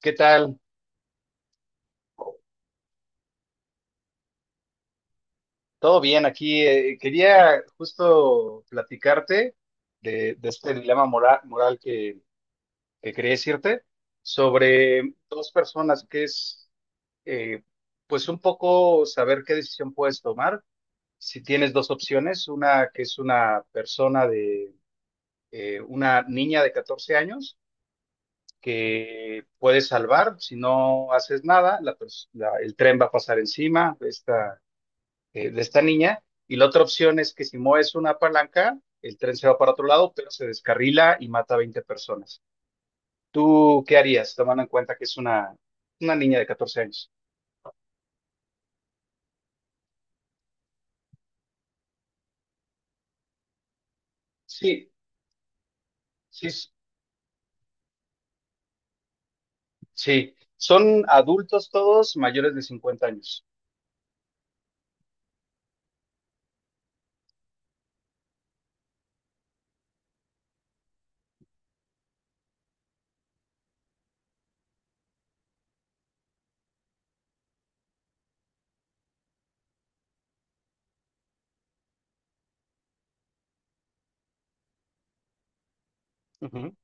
¿Qué tal? Todo bien aquí. Quería justo platicarte de este dilema moral que quería decirte sobre dos personas que es, eh, pues un poco saber qué decisión puedes tomar. Si tienes dos opciones, una que es una persona de, una niña de 14 años que puedes salvar. Si no haces nada, el tren va a pasar encima, de esta niña. Y la otra opción es que si mueves una palanca, el tren se va para otro lado, pero se descarrila y mata a 20 personas. ¿Tú qué harías, tomando en cuenta que es una niña de 14 años? Sí, sí, sí. Son adultos todos mayores de 50 años. Ujú.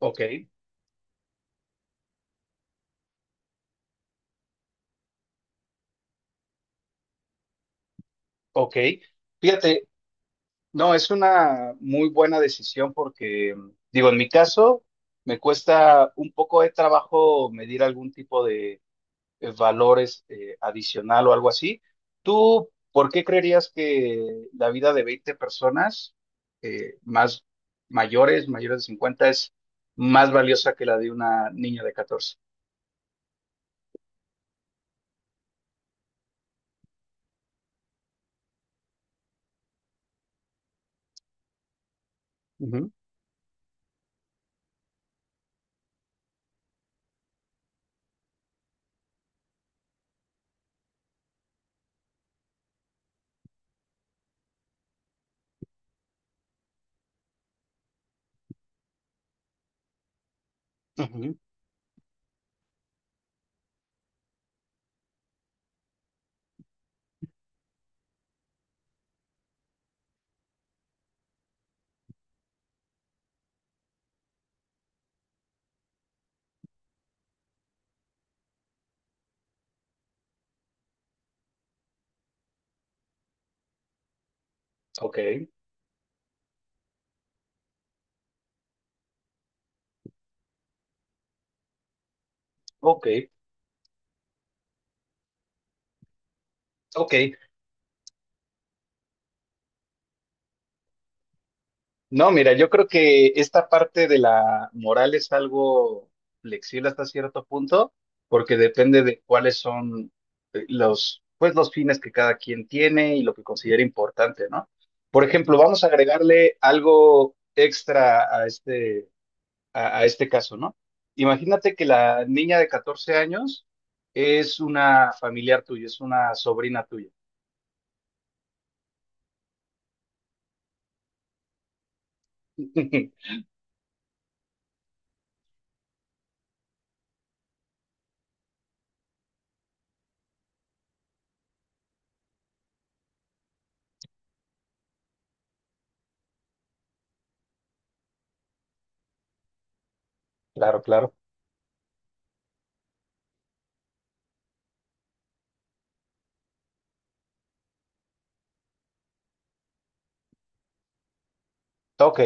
Ok, ok. Fíjate, no, es una muy buena decisión porque, digo, en mi caso, me cuesta un poco de trabajo medir algún tipo de, valores, adicional o algo así. ¿Tú por qué creerías que la vida de 20 personas, más mayores de 50, es más valiosa que la de una niña de 14? Ujú, ujú. Ok, ok, ok. No, mira, yo creo que esta parte de la moral es algo flexible hasta cierto punto, porque depende de cuáles son, pues, los fines que cada quien tiene y lo que considera importante, ¿no? Por ejemplo, vamos a agregarle algo extra a este, a este caso, ¿no? Imagínate que la niña de 14 años es una familiar tuya, es una sobrina tuya. Claro, claro. Ok.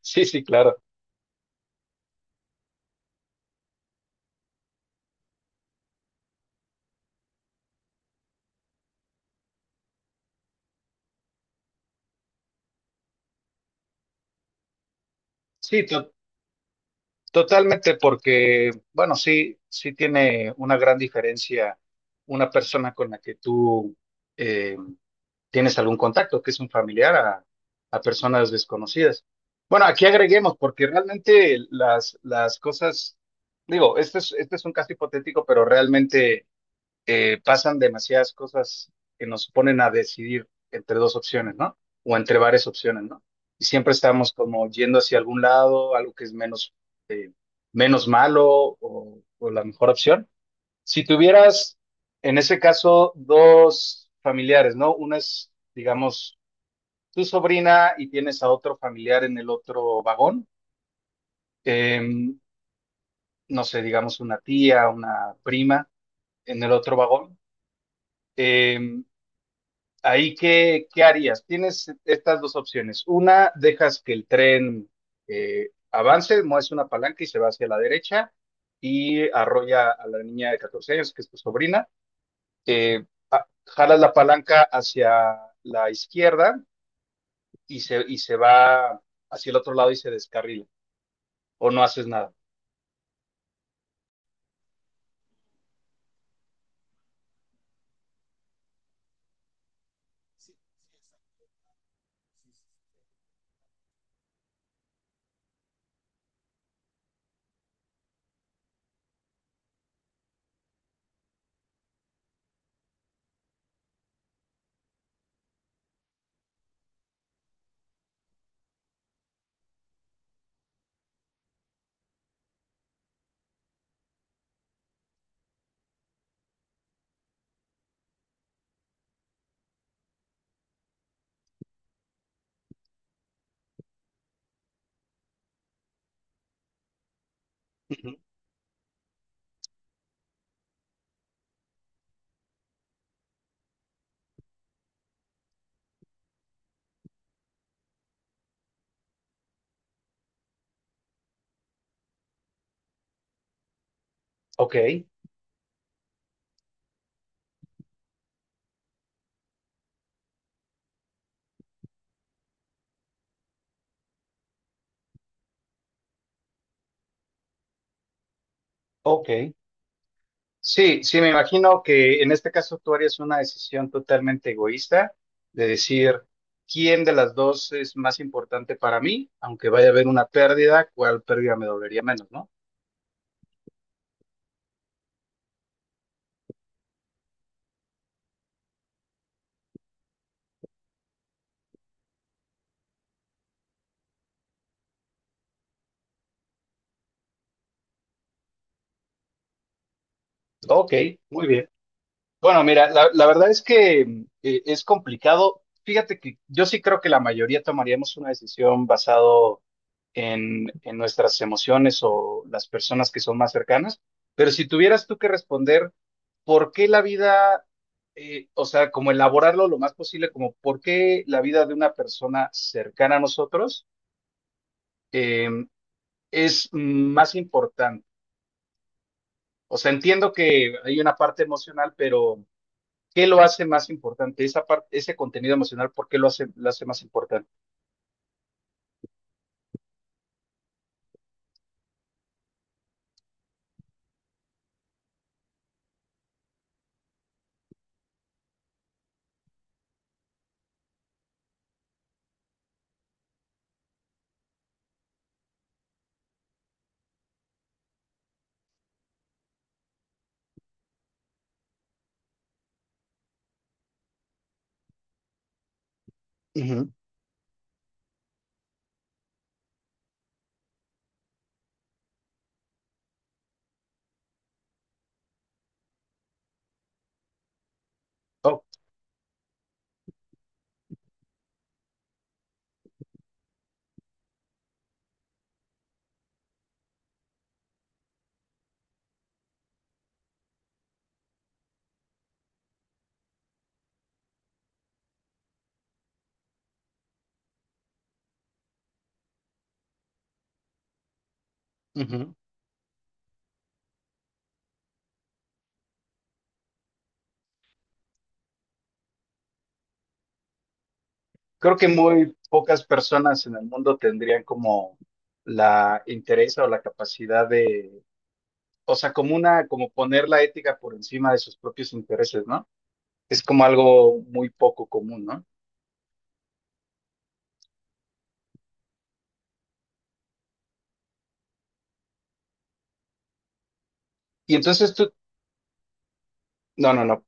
Sí, sí, claro. Sí, to- Totalmente, porque, bueno, sí, sí tiene una gran diferencia una persona con la que tú, eh, tienes algún contacto, que es un familiar, a personas desconocidas. Bueno, aquí agreguemos, porque realmente las cosas, digo, este es un caso hipotético, pero realmente, pasan demasiadas cosas que nos ponen a decidir entre dos opciones, ¿no? O entre varias opciones, ¿no? Y siempre estamos como yendo hacia algún lado, algo que es menos, eh, menos malo, o la mejor opción. Si tuvieras, en ese caso, dos familiares, ¿no? Una es, digamos, tu sobrina, y tienes a otro familiar en el otro vagón. em, no sé, digamos una tía, una prima en el otro vagón. em, ¿Ahí qué harías? Tienes estas dos opciones. Una, dejas que el tren, avance, mueves una palanca y se va hacia la derecha y arrolla a la niña de 14 años, que es tu sobrina. Eh, Jalas la palanca hacia la izquierda y y se va hacia el otro lado y se descarrila. O no haces nada. Ujú. Ok, ok. Sí, sí, me imagino que en este caso tú harías una decisión totalmente egoísta, de decir quién de las dos es más importante para mí, aunque vaya a haber una pérdida, cuál pérdida me dolería menos, ¿no? Ok, muy bien. Bueno, mira, la verdad es que, es complicado. Fíjate que yo sí creo que la mayoría tomaríamos una decisión basado en nuestras emociones o las personas que son más cercanas, pero si tuvieras tú que responder, ¿por qué la vida, o sea, como elaborarlo lo más posible, como por qué la vida de una persona cercana a nosotros, eh, es más importante? O sea, entiendo que hay una parte emocional, pero ¿qué lo hace más importante? Esa parte, ese contenido emocional, ¿por qué lo hace más importante? Uh -huh. Oh, Uh -huh. Creo que muy pocas personas en el mundo tendrían como la interés o la capacidad de, o sea, como una, como poner la ética por encima de sus propios intereses, ¿no? Es como algo muy poco común, ¿no? Y entonces tú, no, no, no,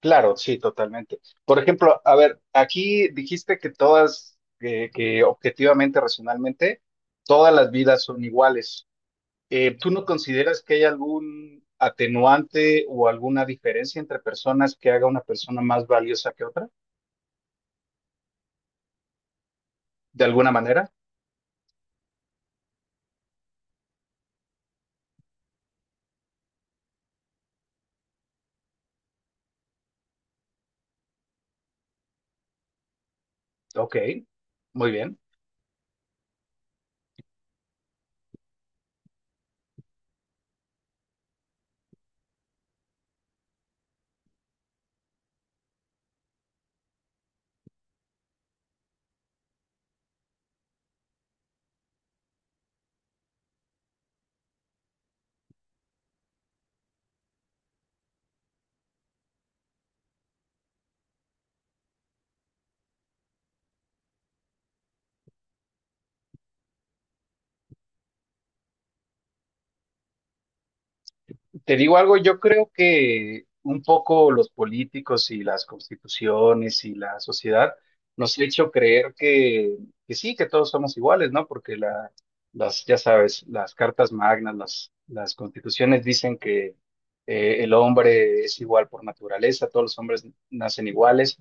claro, sí, totalmente. Por ejemplo, a ver, aquí dijiste que todas, que objetivamente, racionalmente, todas las vidas son iguales. ¿Tú no consideras que hay algún atenuante o alguna diferencia entre personas que haga una persona más valiosa que otra? ¿De alguna manera? Ok, muy bien. Te digo algo, yo creo que un poco los políticos y las constituciones y la sociedad nos ha hecho creer que, sí, que todos somos iguales, ¿no? Porque las, ya sabes, las cartas magnas, las constituciones dicen que, el hombre es igual por naturaleza, todos los hombres nacen iguales,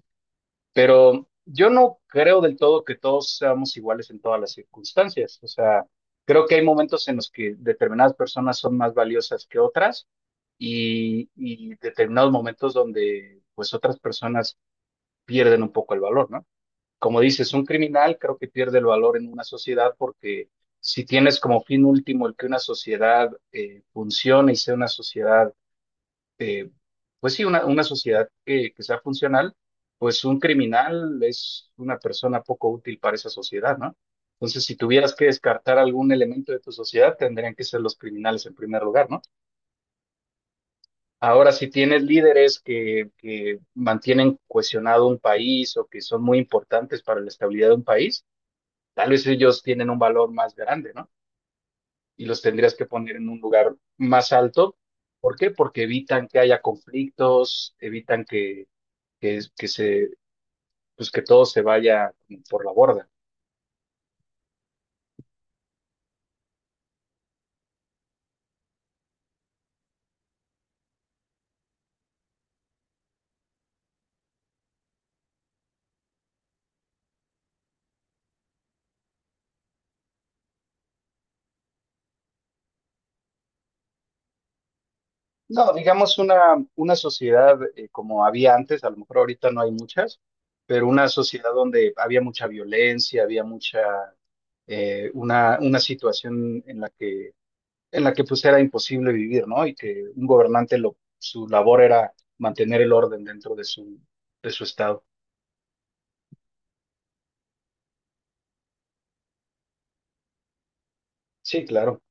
pero yo no creo del todo que todos seamos iguales en todas las circunstancias. O sea, creo que hay momentos en los que determinadas personas son más valiosas que otras, y determinados momentos donde pues otras personas pierden un poco el valor, ¿no? Como dices, un criminal creo que pierde el valor en una sociedad, porque si tienes como fin último el que una sociedad, funcione y sea una sociedad, eh, pues sí, una sociedad que sea funcional, pues un criminal es una persona poco útil para esa sociedad, ¿no? Entonces, si tuvieras que descartar algún elemento de tu sociedad, tendrían que ser los criminales en primer lugar, ¿no? Ahora, si tienes líderes que mantienen cohesionado un país o que son muy importantes para la estabilidad de un país, tal vez ellos tienen un valor más grande, ¿no? Y los tendrías que poner en un lugar más alto. ¿Por qué? Porque evitan que haya conflictos, evitan que, que, que se, pues que todo se vaya por la borda. No, digamos una sociedad, como había antes, a lo mejor ahorita no hay muchas, pero una sociedad donde había mucha violencia, había mucha, una situación en la que pues era imposible vivir, ¿no? Y que un gobernante, su labor era mantener el orden dentro de su estado. Sí, claro.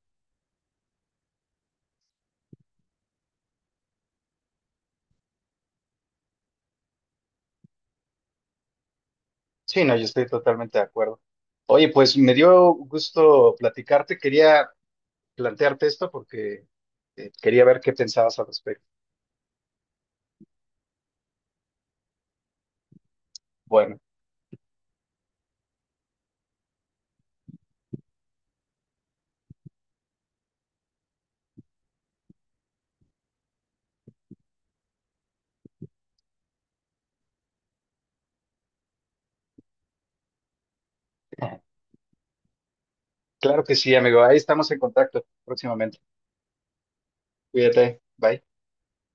Sí, no, yo estoy totalmente de acuerdo. Oye, pues me dio gusto platicarte. Quería plantearte esto porque, quería ver qué pensabas al respecto. Bueno, claro que sí, amigo. Ahí estamos en contacto próximamente. Cuídate. Bye.